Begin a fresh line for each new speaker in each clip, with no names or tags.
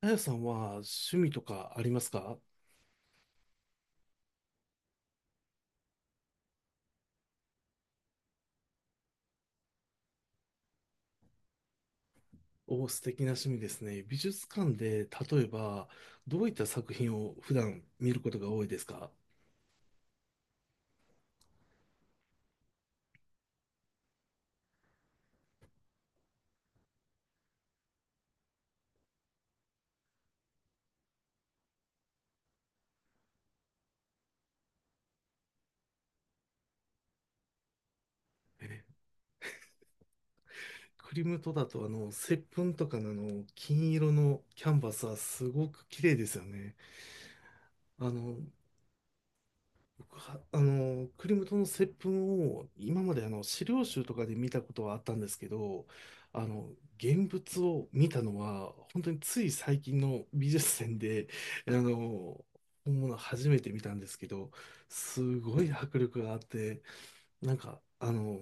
あやさんは趣味とかありますか？お、素敵な趣味ですね。美術館で、例えば、どういった作品を普段見ることが多いですか？え。クリムトだと、接吻とかの金色のキャンバスはすごく綺麗ですよね。あの、僕は、クリムトの接吻を今まで資料集とかで見たことはあったんですけど、あの、現物を見たのは、本当につい最近の美術展で、あの、本物初めて見たんですけど、すごい迫力があって、なんか、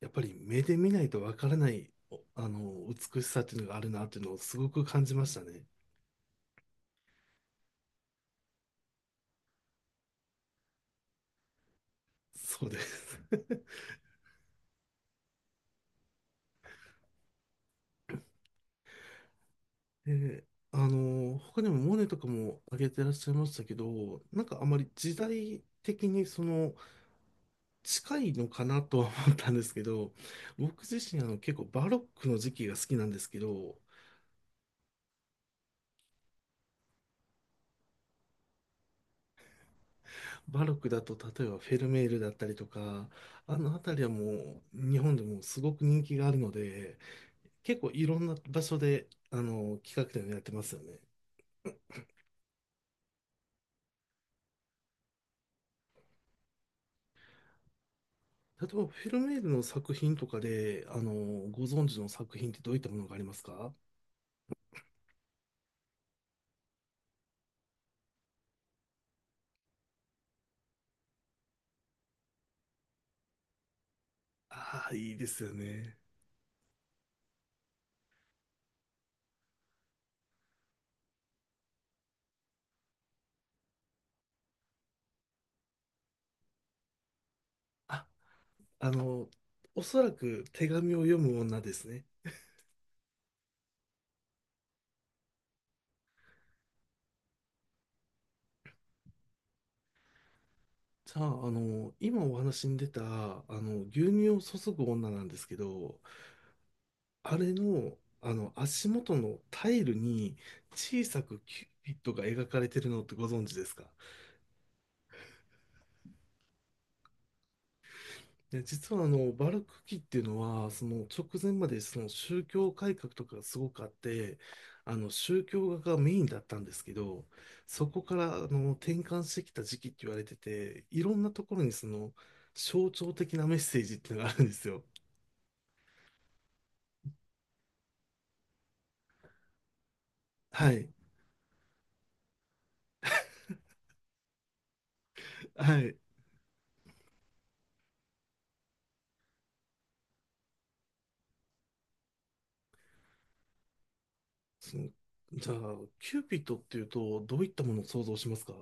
やっぱり目で見ないとわからない、おあの、美しさっていうのがあるなっていうのをすごく感じましたね。そうです。で、他にもモネとかも挙げてらっしゃいましたけど、なんかあまり時代的に近いのかなとは思ったんですけど、僕自身結構バロックの時期が好きなんですけど、バロックだと例えばフェルメールだったりとか、あの辺りはもう日本でもすごく人気があるので、結構いろんな場所で企画展をやってますよね。例えばフェルメールの作品とかで、ご存知の作品ってどういったものがありますか？ああ、いいですよね。あ、あの、おそらく手紙を読む女ですね。じゃあ、今お話に出た、牛乳を注ぐ女なんですけど、あれの、足元のタイルに小さくキューピッドが描かれてるのってご存知ですか？で、実はバルク期っていうのは、その直前までその宗教改革とかがすごくあって、宗教画がメインだったんですけど、そこから転換してきた時期って言われてて、いろんなところに象徴的なメッセージっていうのがあるんですよ。はい。はい。その、じゃあ、キューピッドっていうと、どういったものを想像しますか？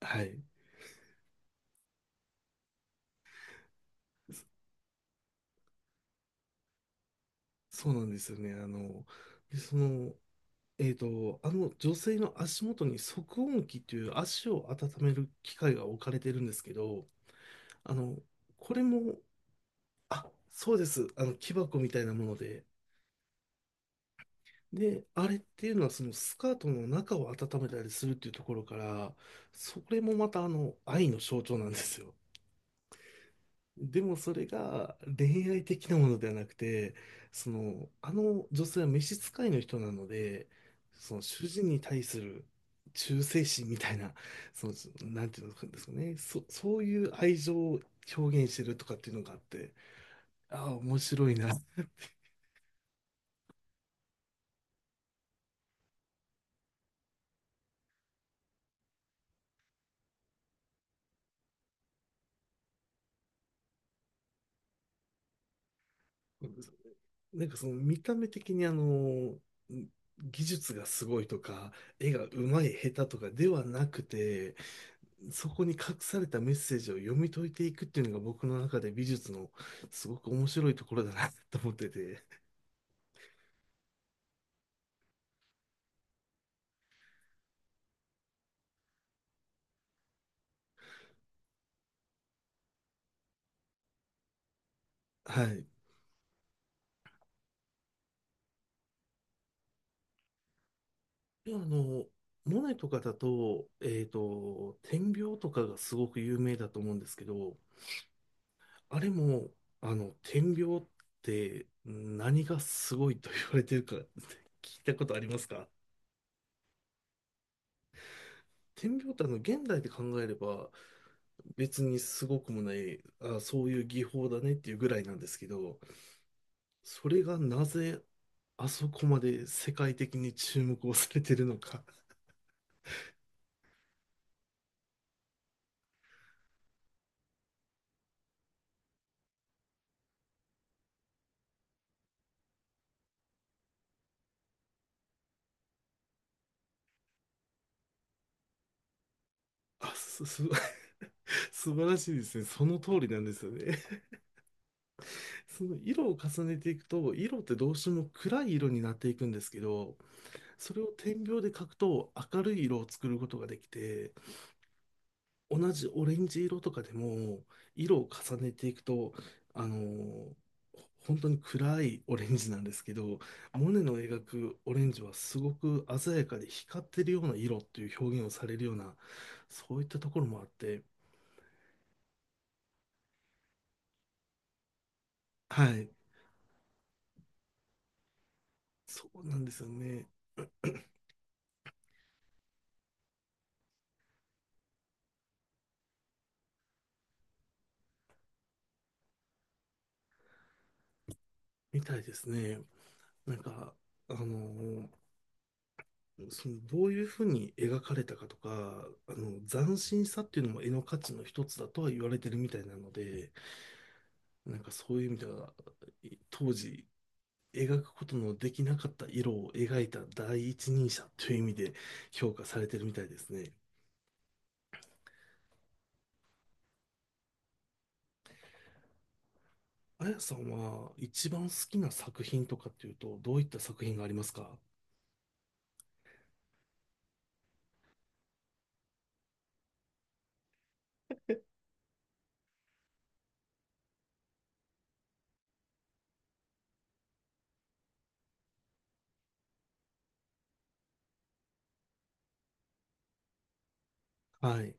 はい。そそうなんですよね。で、あの女性の足元に足温器という足を温める機械が置かれてるんですけど、あの、これも、あ、そうです。木箱みたいなもので。で、あれっていうのはそのスカートの中を温めたりするっていうところから、それもまたあの愛の象徴なんですよ。でもそれが恋愛的なものではなくて、あの女性は召使いの人なので、その主人に対する忠誠心みたいな、その、なんていうんですかね、そういう愛情を表現してるとかっていうのがあって、ああ、面白いな。なんかその見た目的に技術がすごいとか、絵が上手い下手とかではなくて、そこに隠されたメッセージを読み解いていくっていうのが僕の中で美術のすごく面白いところだなと思ってて、はい。でモネとかだと、点描とかがすごく有名だと思うんですけど、あれも、点描って何がすごいと言われてるか聞いたことありますか？点描って現代で考えれば、別にすごくもない、あ、そういう技法だねっていうぐらいなんですけど、それがなぜあそこまで世界的に注目をされてるのか。あ、素晴らしいですね。その通りなんですよね。その色を重ねていくと、色ってどうしても暗い色になっていくんですけど、それを点描で描くと明るい色を作ることができて、同じオレンジ色とかでも色を重ねていくと、あのー本当に暗いオレンジなんですけど、モネの描くオレンジはすごく鮮やかで光ってるような色っていう表現をされるような、そういったところもあって、はい。そうなんですよね。みたいですね。なんかあのーどういうふうに描かれたかとか、あの斬新さっていうのも絵の価値の一つだとは言われてるみたいなので。なんかそういう意味では、当時、描くことのできなかった色を描いた第一人者という意味で評価されてるみたいですね。あやさんは一番好きな作品とかっていうと、どういった作品がありますか？はい。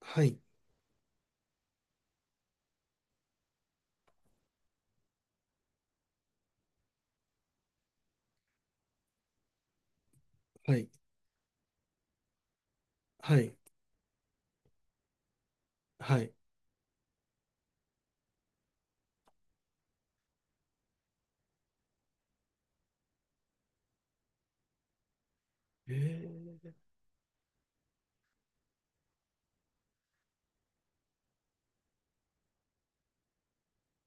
はい。はい。はい。はい。え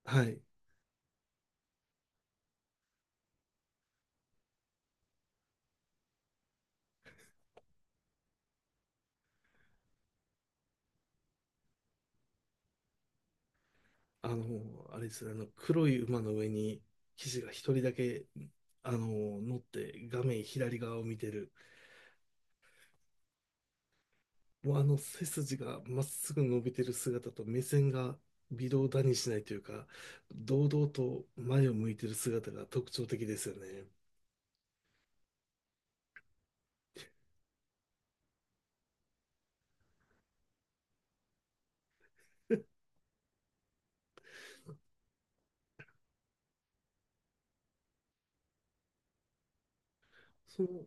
はい。あれですね、黒い馬の上に騎士が一人だけ、あの、乗って画面左側を見てる。もうあの背筋がまっすぐ伸びてる姿と目線が微動だにしないというか、堂々と前を向いてる姿が特徴的ですよね。その、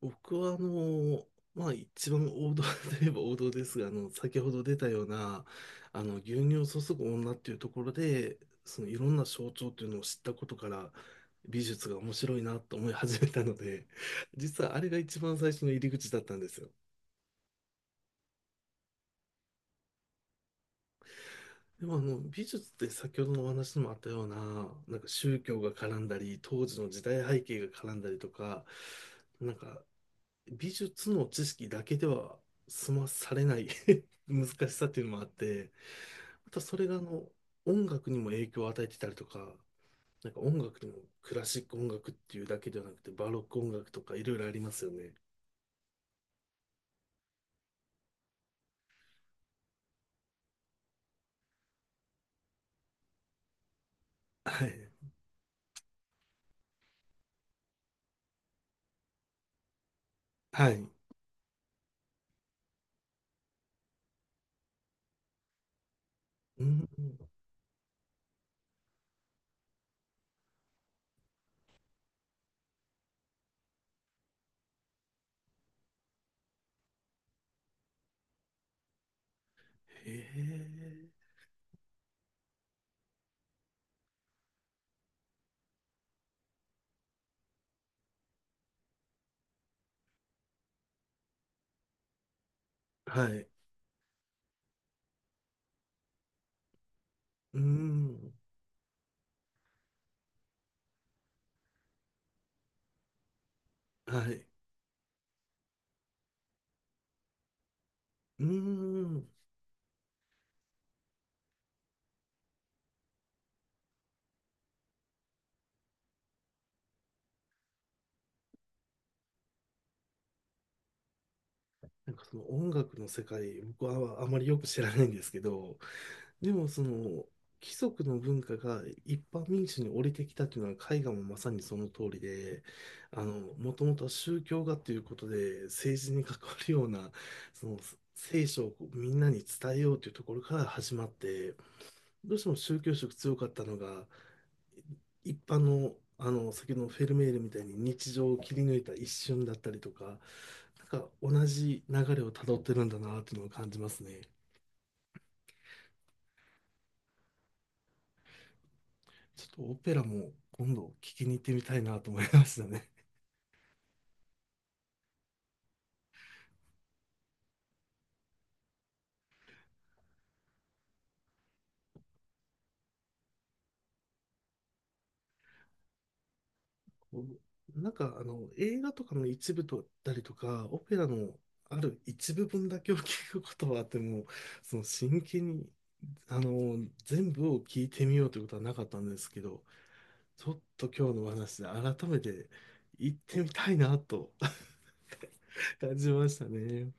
僕はまあ一番王道 といえば王道ですが、先ほど出たような、牛乳を注ぐ女っていうところで、そのいろんな象徴というのを知ったことから、美術が面白いなと思い始めたので、実はあれが一番最初の入り口だったんですよ。でもあの美術って先ほどのお話にもあったような、なんか宗教が絡んだり、当時の時代背景が絡んだりとか、なんか美術の知識だけでは済まされない 難しさっていうのもあって、またそれがあの音楽にも影響を与えてたりとか、なんか音楽にもクラシック音楽っていうだけではなくて、バロック音楽とかいろいろありますよね。はい。はい。うん。へえ。はい。うん。はい。うん。なんかその音楽の世界、僕はあまりよく知らないんですけど、でもその貴族の文化が一般民主に降りてきたというのは絵画もまさにその通りで、あの、もともとは宗教画ということで政治に関わるような、その聖書をみんなに伝えようというところから始まって、どうしても宗教色強かったのが、一般の、先ほどのフェルメールみたいに日常を切り抜いた一瞬だったりとか、なんか同じ流れをたどってるんだなっていうのを感じますね。ちょっとオペラも今度聞きに行ってみたいなと思いましたね。こうなんかあの映画とかの一部だったりとか、オペラのある一部分だけを聞くことはあっても、真剣にあの全部を聞いてみようということはなかったんですけど、ちょっと今日のお話で改めて行ってみたいなと 感じましたね。